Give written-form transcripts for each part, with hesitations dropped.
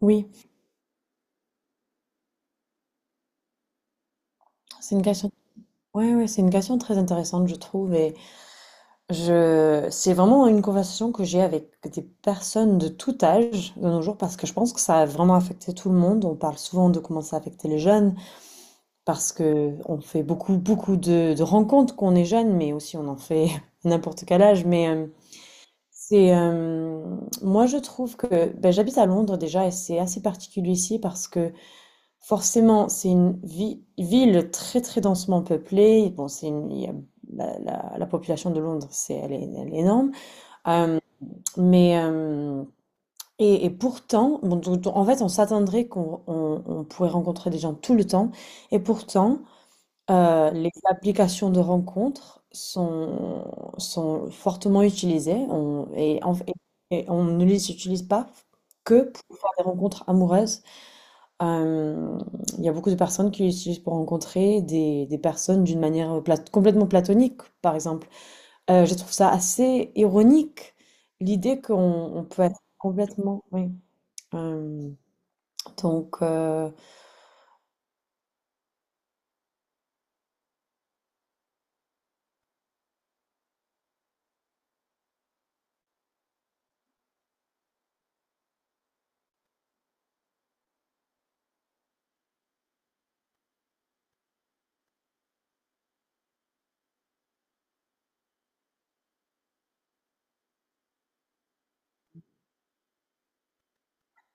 Oui, c'est une question. Ouais, c'est une question très intéressante, je trouve. Et c'est vraiment une conversation que j'ai avec des personnes de tout âge de nos jours, parce que je pense que ça a vraiment affecté tout le monde. On parle souvent de comment ça a affecté les jeunes, parce que on fait beaucoup de rencontres qu'on est jeune, mais aussi on en fait à n'importe quel âge. Mais c'est, euh, moi, je trouve que, ben, j'habite à Londres déjà, et c'est assez particulier ici parce que forcément, c'est une ville très très densément peuplée. Bon, c'est une- il y a- la population de Londres, elle est énorme. Euh, mais euh, et pourtant, bon, en fait, on s'attendrait qu'on on pourrait rencontrer des gens tout le temps. Et pourtant, les applications de rencontres sont fortement utilisées. On, et, en- et- Et on ne les utilise pas que pour faire des rencontres amoureuses. Hem, il y a beaucoup de personnes qui l'utilisent pour rencontrer des personnes d'une manière, plat complètement platonique, par exemple. Je trouve ça assez ironique, l'idée qu'on on peut être complètement oui, hem, donc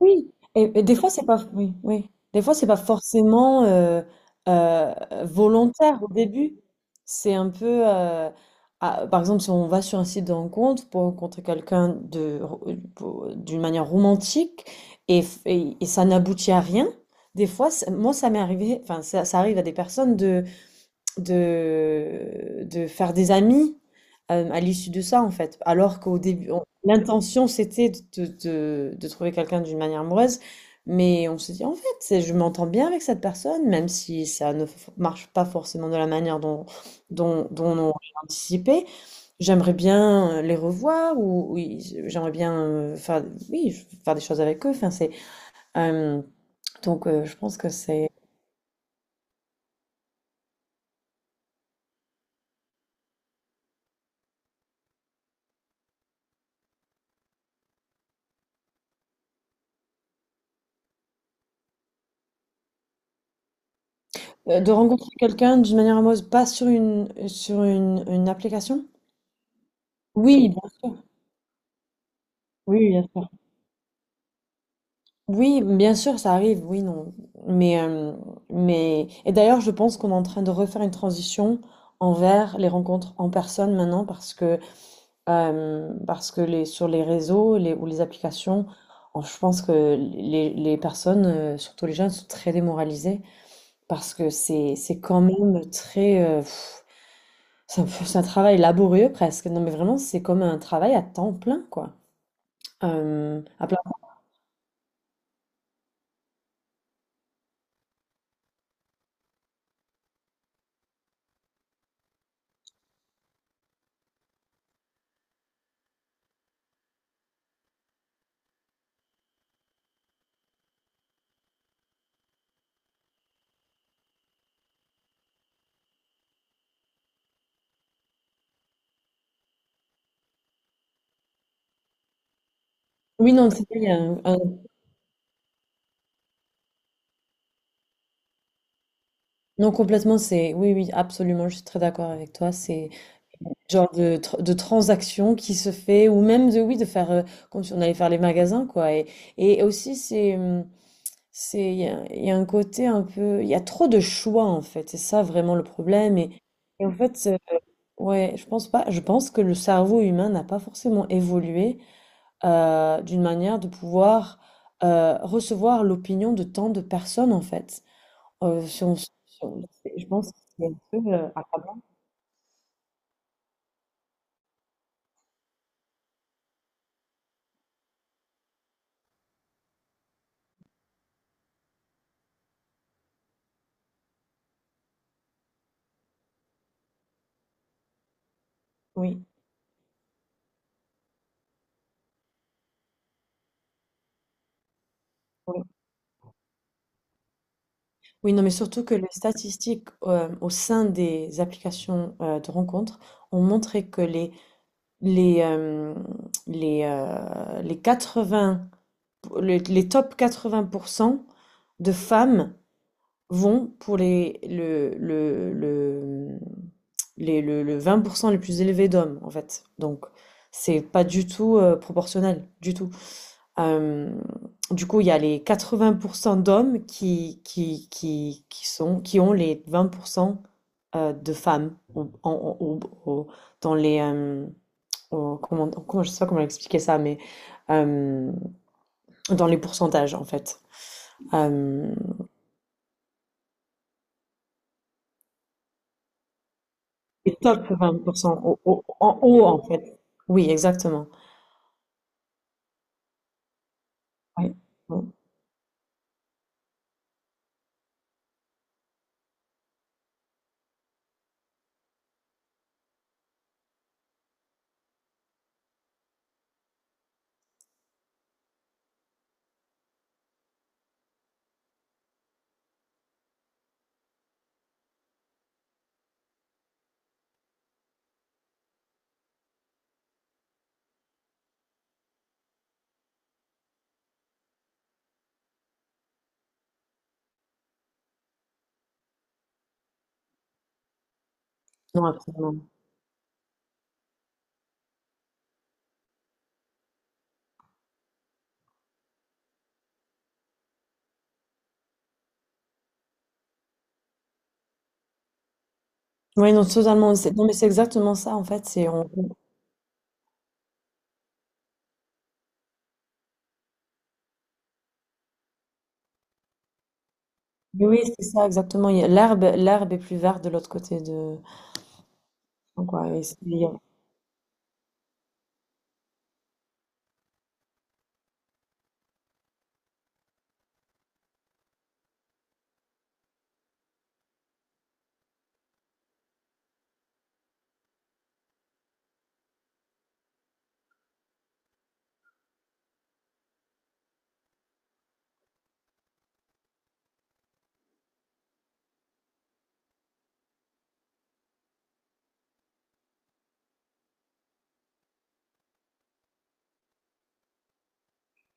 oui, et des fois c'est pas oui, oui. Des fois c'est pas forcément euh, volontaire au début. C'est un peu par exemple si on va sur un site de rencontre pour rencontrer quelqu'un d'une manière romantique et ça n'aboutit à rien. Des fois moi ça m'est arrivé, enfin ça arrive à des personnes de, faire des amis à l'issue de ça, en fait. Alors qu'au début, l'intention, c'était de trouver quelqu'un d'une manière amoureuse, mais on se dit, en fait, je m'entends bien avec cette personne, même si ça ne marche pas forcément de la manière dont on aurait anticipé. J'aimerais bien les revoir, ou j'aimerais bien faire, oui, faire des choses avec eux. Enfin, euh, je pense que c'est... De rencontrer quelqu'un d'une manière amoureuse, pas sur une application? Oui, bien sûr. Oui, bien sûr. Oui, bien sûr, ça arrive, oui, non. Mais, euh, mais... Et d'ailleurs, je pense qu'on est en train de refaire une transition envers les rencontres en personne maintenant parce que sur les réseaux ou les applications, oh, je pense que les personnes, surtout les jeunes, sont très démoralisées parce que c'est quand même très... c'est un peu- c'est un travail laborieux presque. Non, mais vraiment, c'est comme un travail à temps plein, quoi. Euh, à plein- Oui, non, c'est vrai, il y a un- non, complètement, c'est... Oui, oui, absolument, je suis très d'accord avec toi. C'est genre de, de transaction qui se fait, ou même de, oui, de faire... comme si on allait faire les magasins, quoi. Et aussi, c'est, il y a un côté un peu... Il y a trop de choix, en fait. C'est ça, vraiment, le problème. Et en fait, ouais, je pense pas... Je pense que le cerveau humain n'a pas forcément évolué d'une manière de pouvoir recevoir l'opinion de tant de personnes en fait. Si on- si on- Je pense que c'est un peu accablant. Oui, oui. Oui, non, mais surtout que les statistiques au sein des applications de rencontres ont montré que les, les, euh, les, euh, les 80, les, les top 80% de femmes vont pour les le, mmh, les le vingt pour cent les plus élevés d'hommes, en fait. Donc c'est pas du tout, proportionnel, du tout. Hem, du coup, il y a les quatre-vingts pour cent d'hommes qui ont les 20% de femmes au en au au dans les, hem, au comment je sais pas comment expliquer ça, mais, hem, dans les pourcentages, en fait. Hem Les top 20 au au en haut, en fait. Oui, exactement. Ouais. Mmh. Non, absolument. Oui, non, totalement. Non, mais c'est exactement ça, en fait. C'est on... mais Oui, c'est ça, exactement. L'herbe, l'herbe est plus verte de l'autre côté de. Donc, ouais, et c'est- il y a-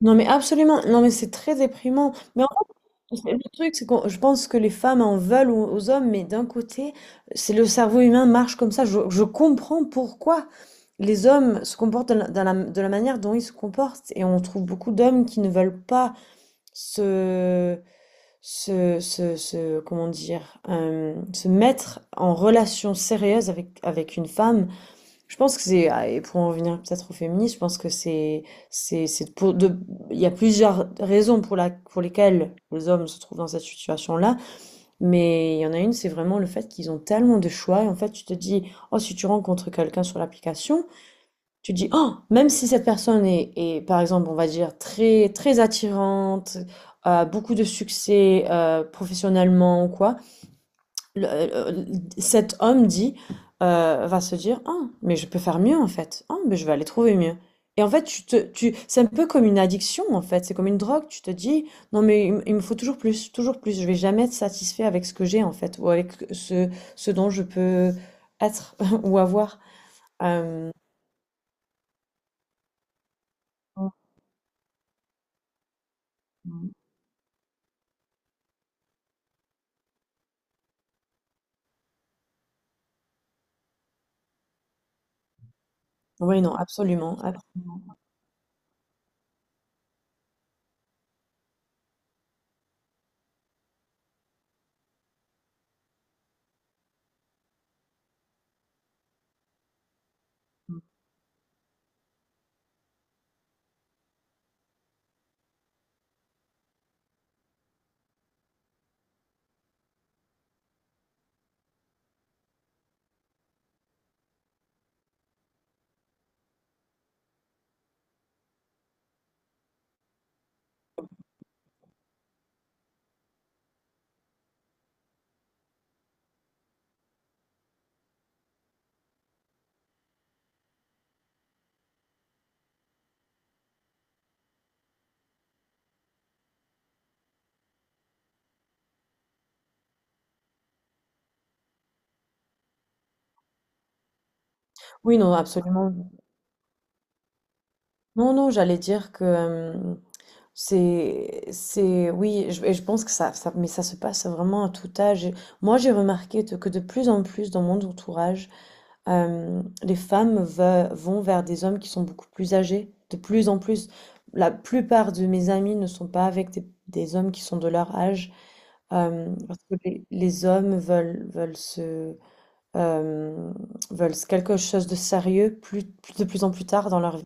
Non, mais absolument. Non, mais c'est très déprimant. Le truc, c'est que je pense que les femmes en veulent aux hommes, mais d'un côté, c'est le cerveau humain marche comme ça. Je comprends pourquoi les hommes se comportent de de la manière dont ils se comportent. Et on trouve beaucoup d'hommes qui ne veulent pas se, se- comment dire, se mettre en relation sérieuse avec, avec une femme. Je pense que et pour en venir peut-être au féminisme, je pense que c'est pour de, il y a plusieurs raisons pour lesquelles les hommes se trouvent dans cette situation-là, mais il y en a une, c'est vraiment le fait qu'ils ont tellement de choix, et en fait, tu te dis, oh, si tu rencontres quelqu'un sur l'application, tu te dis, oh, même si cette personne est par exemple, on va dire, très, très attirante, a beaucoup de succès, professionnellement ou quoi, le- euh, cet homme dit, va se dire, ah, mais je peux faire mieux en fait. Ah, mais je vais aller trouver mieux. Et en fait, c'est un peu comme une addiction en fait. C'est comme une drogue. Tu te dis, non mais il me faut toujours plus, toujours plus. Je vais jamais être satisfait avec ce que j'ai en fait, ce dont je peux être ou avoir. Euh, oui, non, absolument. Oui, non, absolument. Non, non, j'allais dire que, c'est, oui, et je pense que mais ça se passe vraiment à tout âge. Et moi, j'ai remarqué que de plus en plus dans mon entourage, les femmes vont vers des hommes qui sont beaucoup plus âgés. De plus en plus, la plupart de mes amis ne sont pas avec des hommes qui sont de leur âge, parce que les hommes euh, veulent quelque chose de sérieux de plus en plus tard dans leur vie.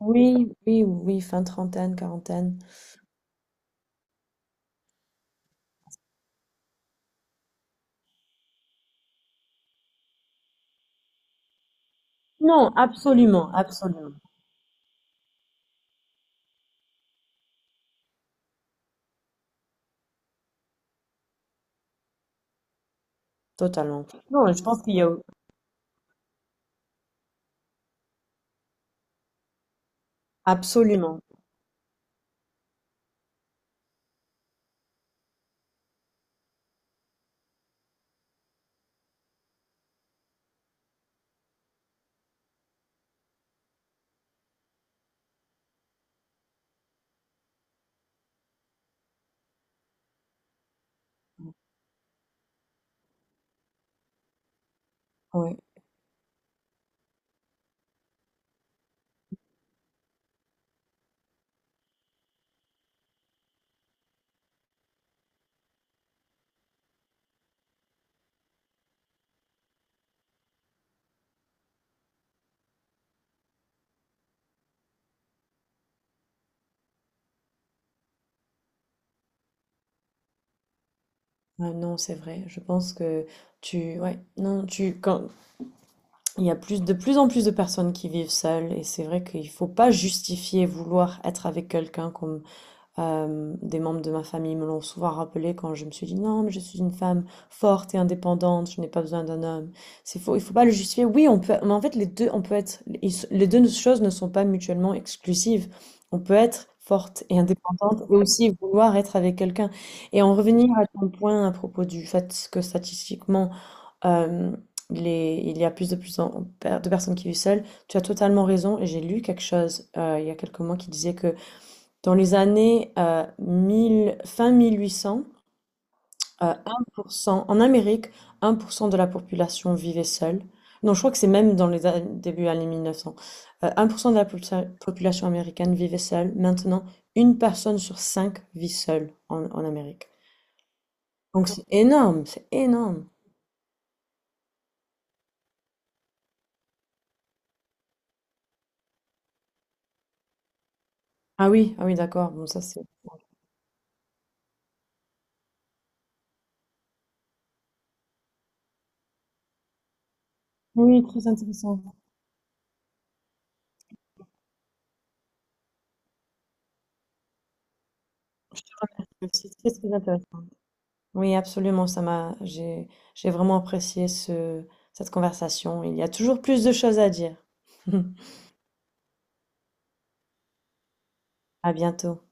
Oui, oui, oui, fin trentaine, quarantaine. Non, absolument, absolument, totalement. Non, je pense qu'il y a absolument. Oui. Ah non, c'est vrai. Je pense que tu, ouais, non, tu, quand il y a plus de plus en plus de personnes qui vivent seules, et c'est vrai qu'il faut pas justifier vouloir être avec quelqu'un comme des membres de ma famille me l'ont souvent rappelé quand je me suis dit: «Non, mais je suis une femme forte et indépendante, je n'ai pas besoin d'un homme». C'est faux, il faut pas le justifier. Oui, on peut mais en fait les 2 on peut être les 2 choses ne sont pas mutuellement exclusives. On peut être forte et indépendante et aussi vouloir être avec quelqu'un. Et en revenir à ton point à propos du fait que statistiquement, hem, les il y a plus de plus en de personnes qui vivent seules, tu as totalement raison et j'ai lu quelque chose, il y a quelques mois qui disait que dans les années 1800, euh, 1%, en Amérique, 1% de la population vivait seule. Non, je crois que c'est même dans les début années 1900. 1% de la population américaine vivait seule. Maintenant, une personne sur cinq vit seule en, en Amérique. Donc c'est énorme, c'est énorme. Ah oui, ah oui, d'accord. Bon, ça c'est. Oui, très intéressant. C'est très, très intéressant. Oui, absolument, j'ai vraiment apprécié cette conversation. Il y a toujours plus de choses à dire. À bientôt.